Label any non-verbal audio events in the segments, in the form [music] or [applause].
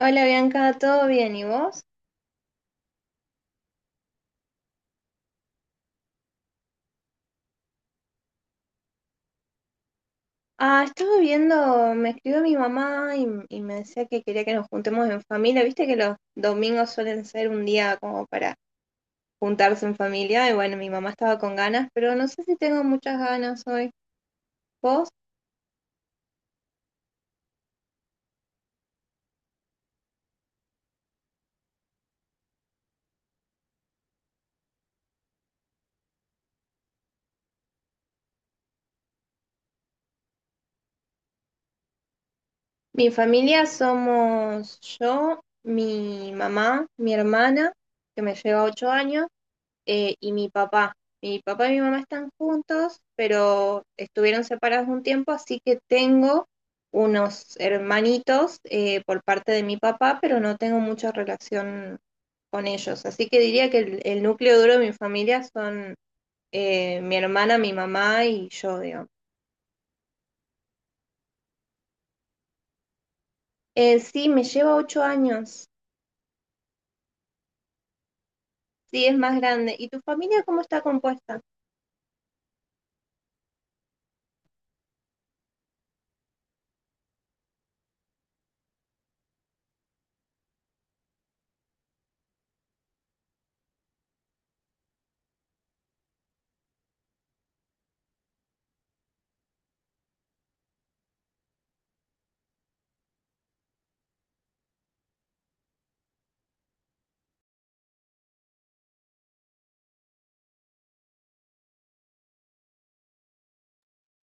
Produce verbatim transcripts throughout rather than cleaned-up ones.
Hola Bianca, ¿todo bien? ¿Y vos? Ah, estaba viendo, me escribió mi mamá y, y me decía que quería que nos juntemos en familia. Viste que los domingos suelen ser un día como para juntarse en familia y bueno, mi mamá estaba con ganas, pero no sé si tengo muchas ganas hoy. ¿Vos? Mi familia somos yo, mi mamá, mi hermana, que me lleva ocho años, eh, y mi papá. Mi papá y mi mamá están juntos, pero estuvieron separados un tiempo, así que tengo unos hermanitos eh, por parte de mi papá, pero no tengo mucha relación con ellos. Así que diría que el, el núcleo duro de mi familia son eh, mi hermana, mi mamá y yo, digamos. Eh, sí, me lleva ocho años. Sí, es más grande. ¿Y tu familia cómo está compuesta?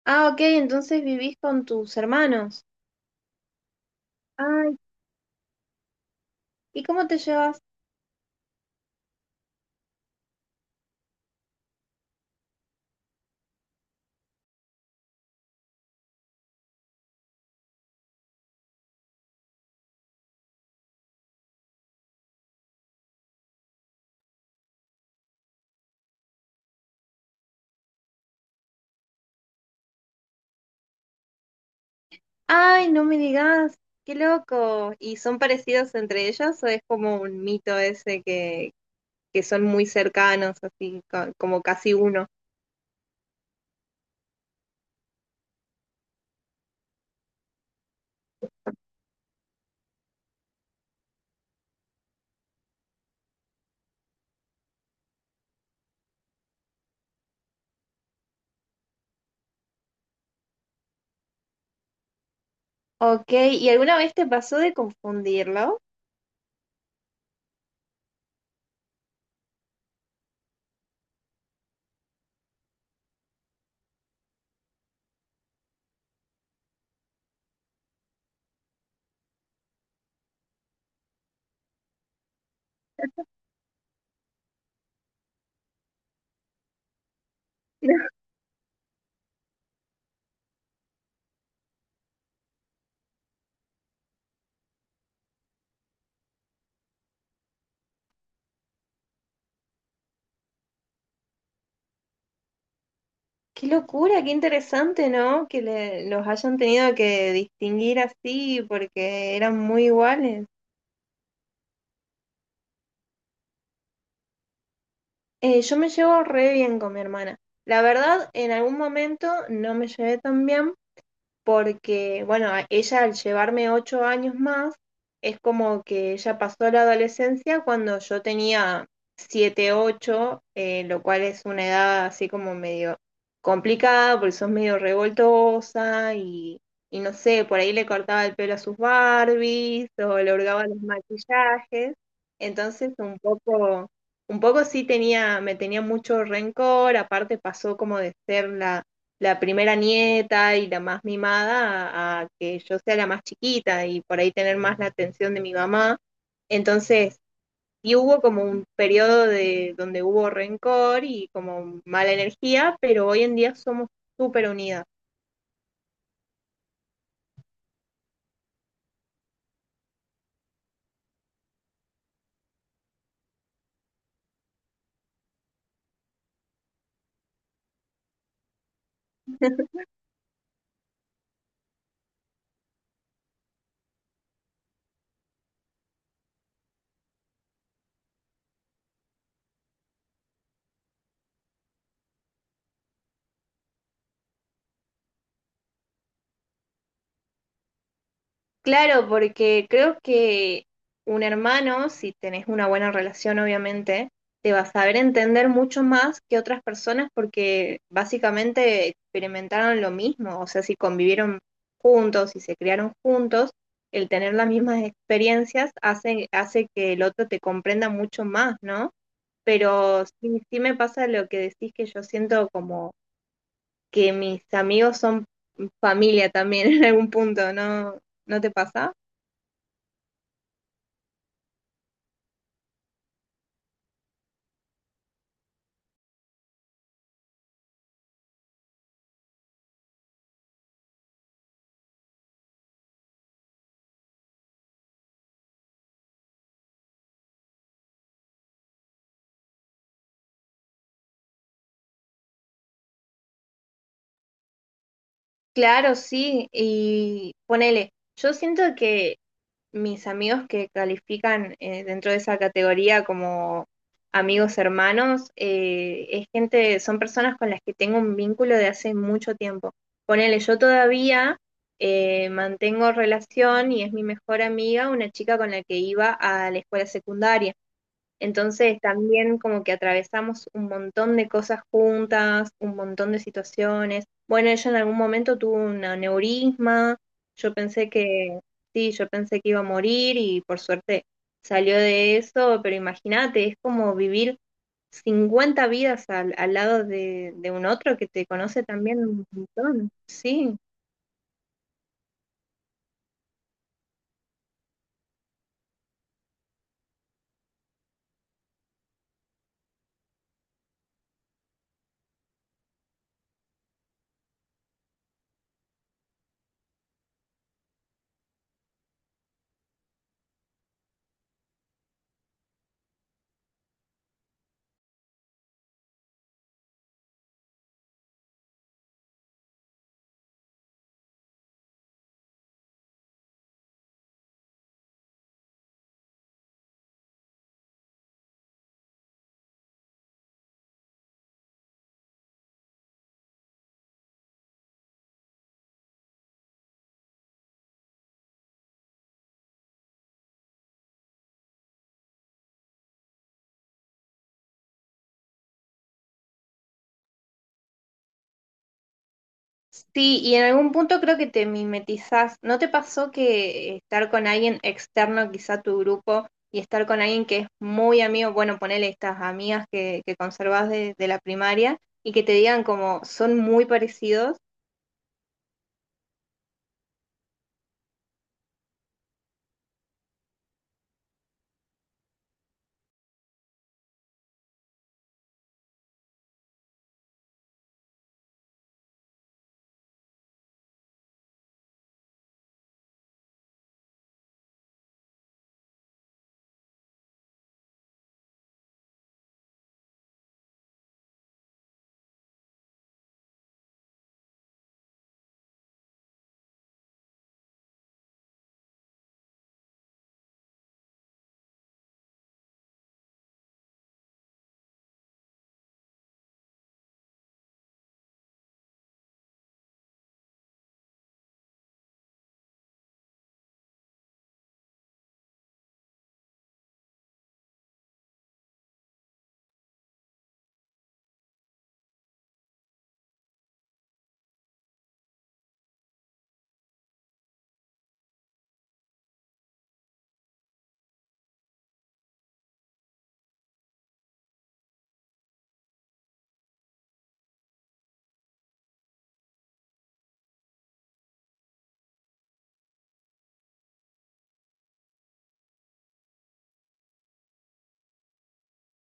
Ah, ok, entonces vivís con tus hermanos. Ay, ¿y cómo te llevas? Ay, no me digas, qué loco. ¿Y son parecidos entre ellos o es como un mito ese que, que son muy cercanos, así co- como casi uno? Ok, ¿y alguna vez te pasó de confundirlo? [laughs] Qué locura, qué interesante, ¿no? Que le- los hayan tenido que distinguir así porque eran muy iguales. Eh, yo me llevo re bien con mi hermana. La verdad, en algún momento no me llevé tan bien porque, bueno, a- ella al llevarme ocho años más, es como que ella pasó la adolescencia cuando yo tenía siete, ocho, eh, lo cual es una edad así como medio complicada, porque sos medio revoltosa y, y no sé, por ahí le cortaba el pelo a sus Barbies o le hurgaba los maquillajes, entonces un poco... Un poco sí tenía, me tenía mucho rencor, aparte pasó como de ser la, la primera nieta y la más mimada a, a que yo sea la más chiquita y por ahí tener más la atención de mi mamá. Entonces, sí hubo como un periodo de donde hubo rencor y como mala energía, pero hoy en día somos súper unidas. Claro, porque creo que un hermano, si tenés una buena relación, obviamente, te va a saber entender mucho más que otras personas porque básicamente experimentaron lo mismo. O sea, si convivieron juntos, si se criaron juntos, el tener las mismas experiencias hace, hace que el otro te comprenda mucho más, ¿no? Pero sí, sí me pasa lo que decís que yo siento como que mis amigos son familia también [laughs] en algún punto, ¿no? ¿No te pasa? Claro, sí, y ponele, yo siento que mis amigos que califican eh, dentro de esa categoría como amigos hermanos, eh, es gente, son personas con las que tengo un vínculo de hace mucho tiempo. Ponele, yo todavía eh, mantengo relación y es mi mejor amiga, una chica con la que iba a la escuela secundaria. Entonces también como que atravesamos un montón de cosas juntas, un montón de situaciones. Bueno, ella en algún momento tuvo un aneurisma, yo pensé que, sí, yo pensé que iba a morir y por suerte salió de eso, pero imagínate, es como vivir cincuenta vidas al, al lado de, de un otro que te conoce también un montón, sí. Sí, y en algún punto creo que te mimetizás. ¿No te pasó que estar con alguien externo, quizá a tu grupo, y estar con alguien que es muy amigo, bueno, ponele estas amigas que, que conservás de, de la primaria, y que te digan como son muy parecidos?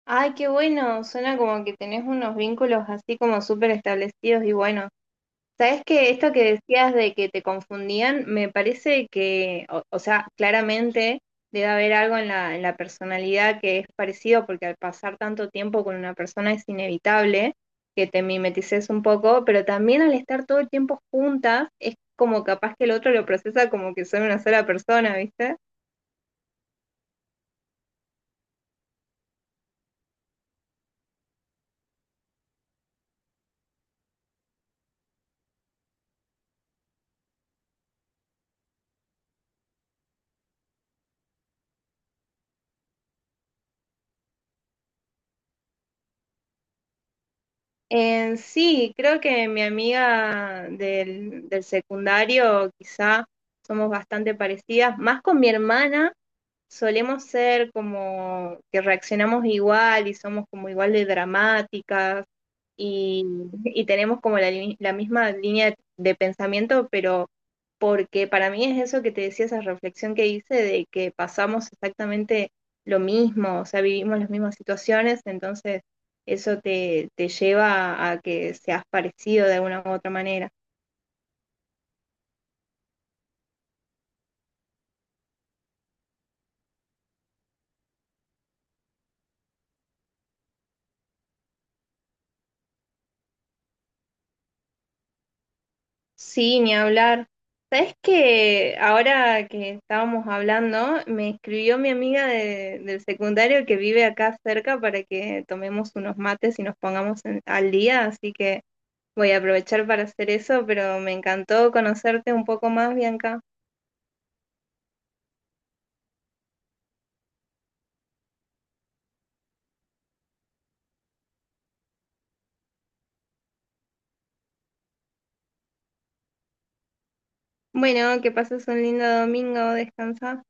Ay, qué bueno, suena como que tenés unos vínculos así como súper establecidos y bueno. Sabes que esto que decías de que te confundían, me parece que, o, o sea, claramente debe haber algo en la, en la personalidad que es parecido, porque al pasar tanto tiempo con una persona es inevitable que te mimetices un poco, pero también al estar todo el tiempo juntas, es como capaz que el otro lo procesa como que son una sola persona, ¿viste? Eh, sí, creo que mi amiga del, del secundario quizá somos bastante parecidas, más con mi hermana solemos ser como que reaccionamos igual y somos como igual de dramáticas y, y tenemos como la, li- la misma línea de pensamiento, pero porque para mí es eso que te decía, esa reflexión que hice de que pasamos exactamente lo mismo, o sea, vivimos las mismas situaciones, entonces eso te, te lleva a que seas parecido de alguna u otra manera. Sí, ni hablar. ¿Sabes que ahora que estábamos hablando, me escribió mi amiga de- del secundario que vive acá cerca para que tomemos unos mates y nos pongamos en- al día, así que voy a aprovechar para hacer eso, pero me encantó conocerte un poco más, Bianca. Bueno, que pases un lindo domingo, descansa.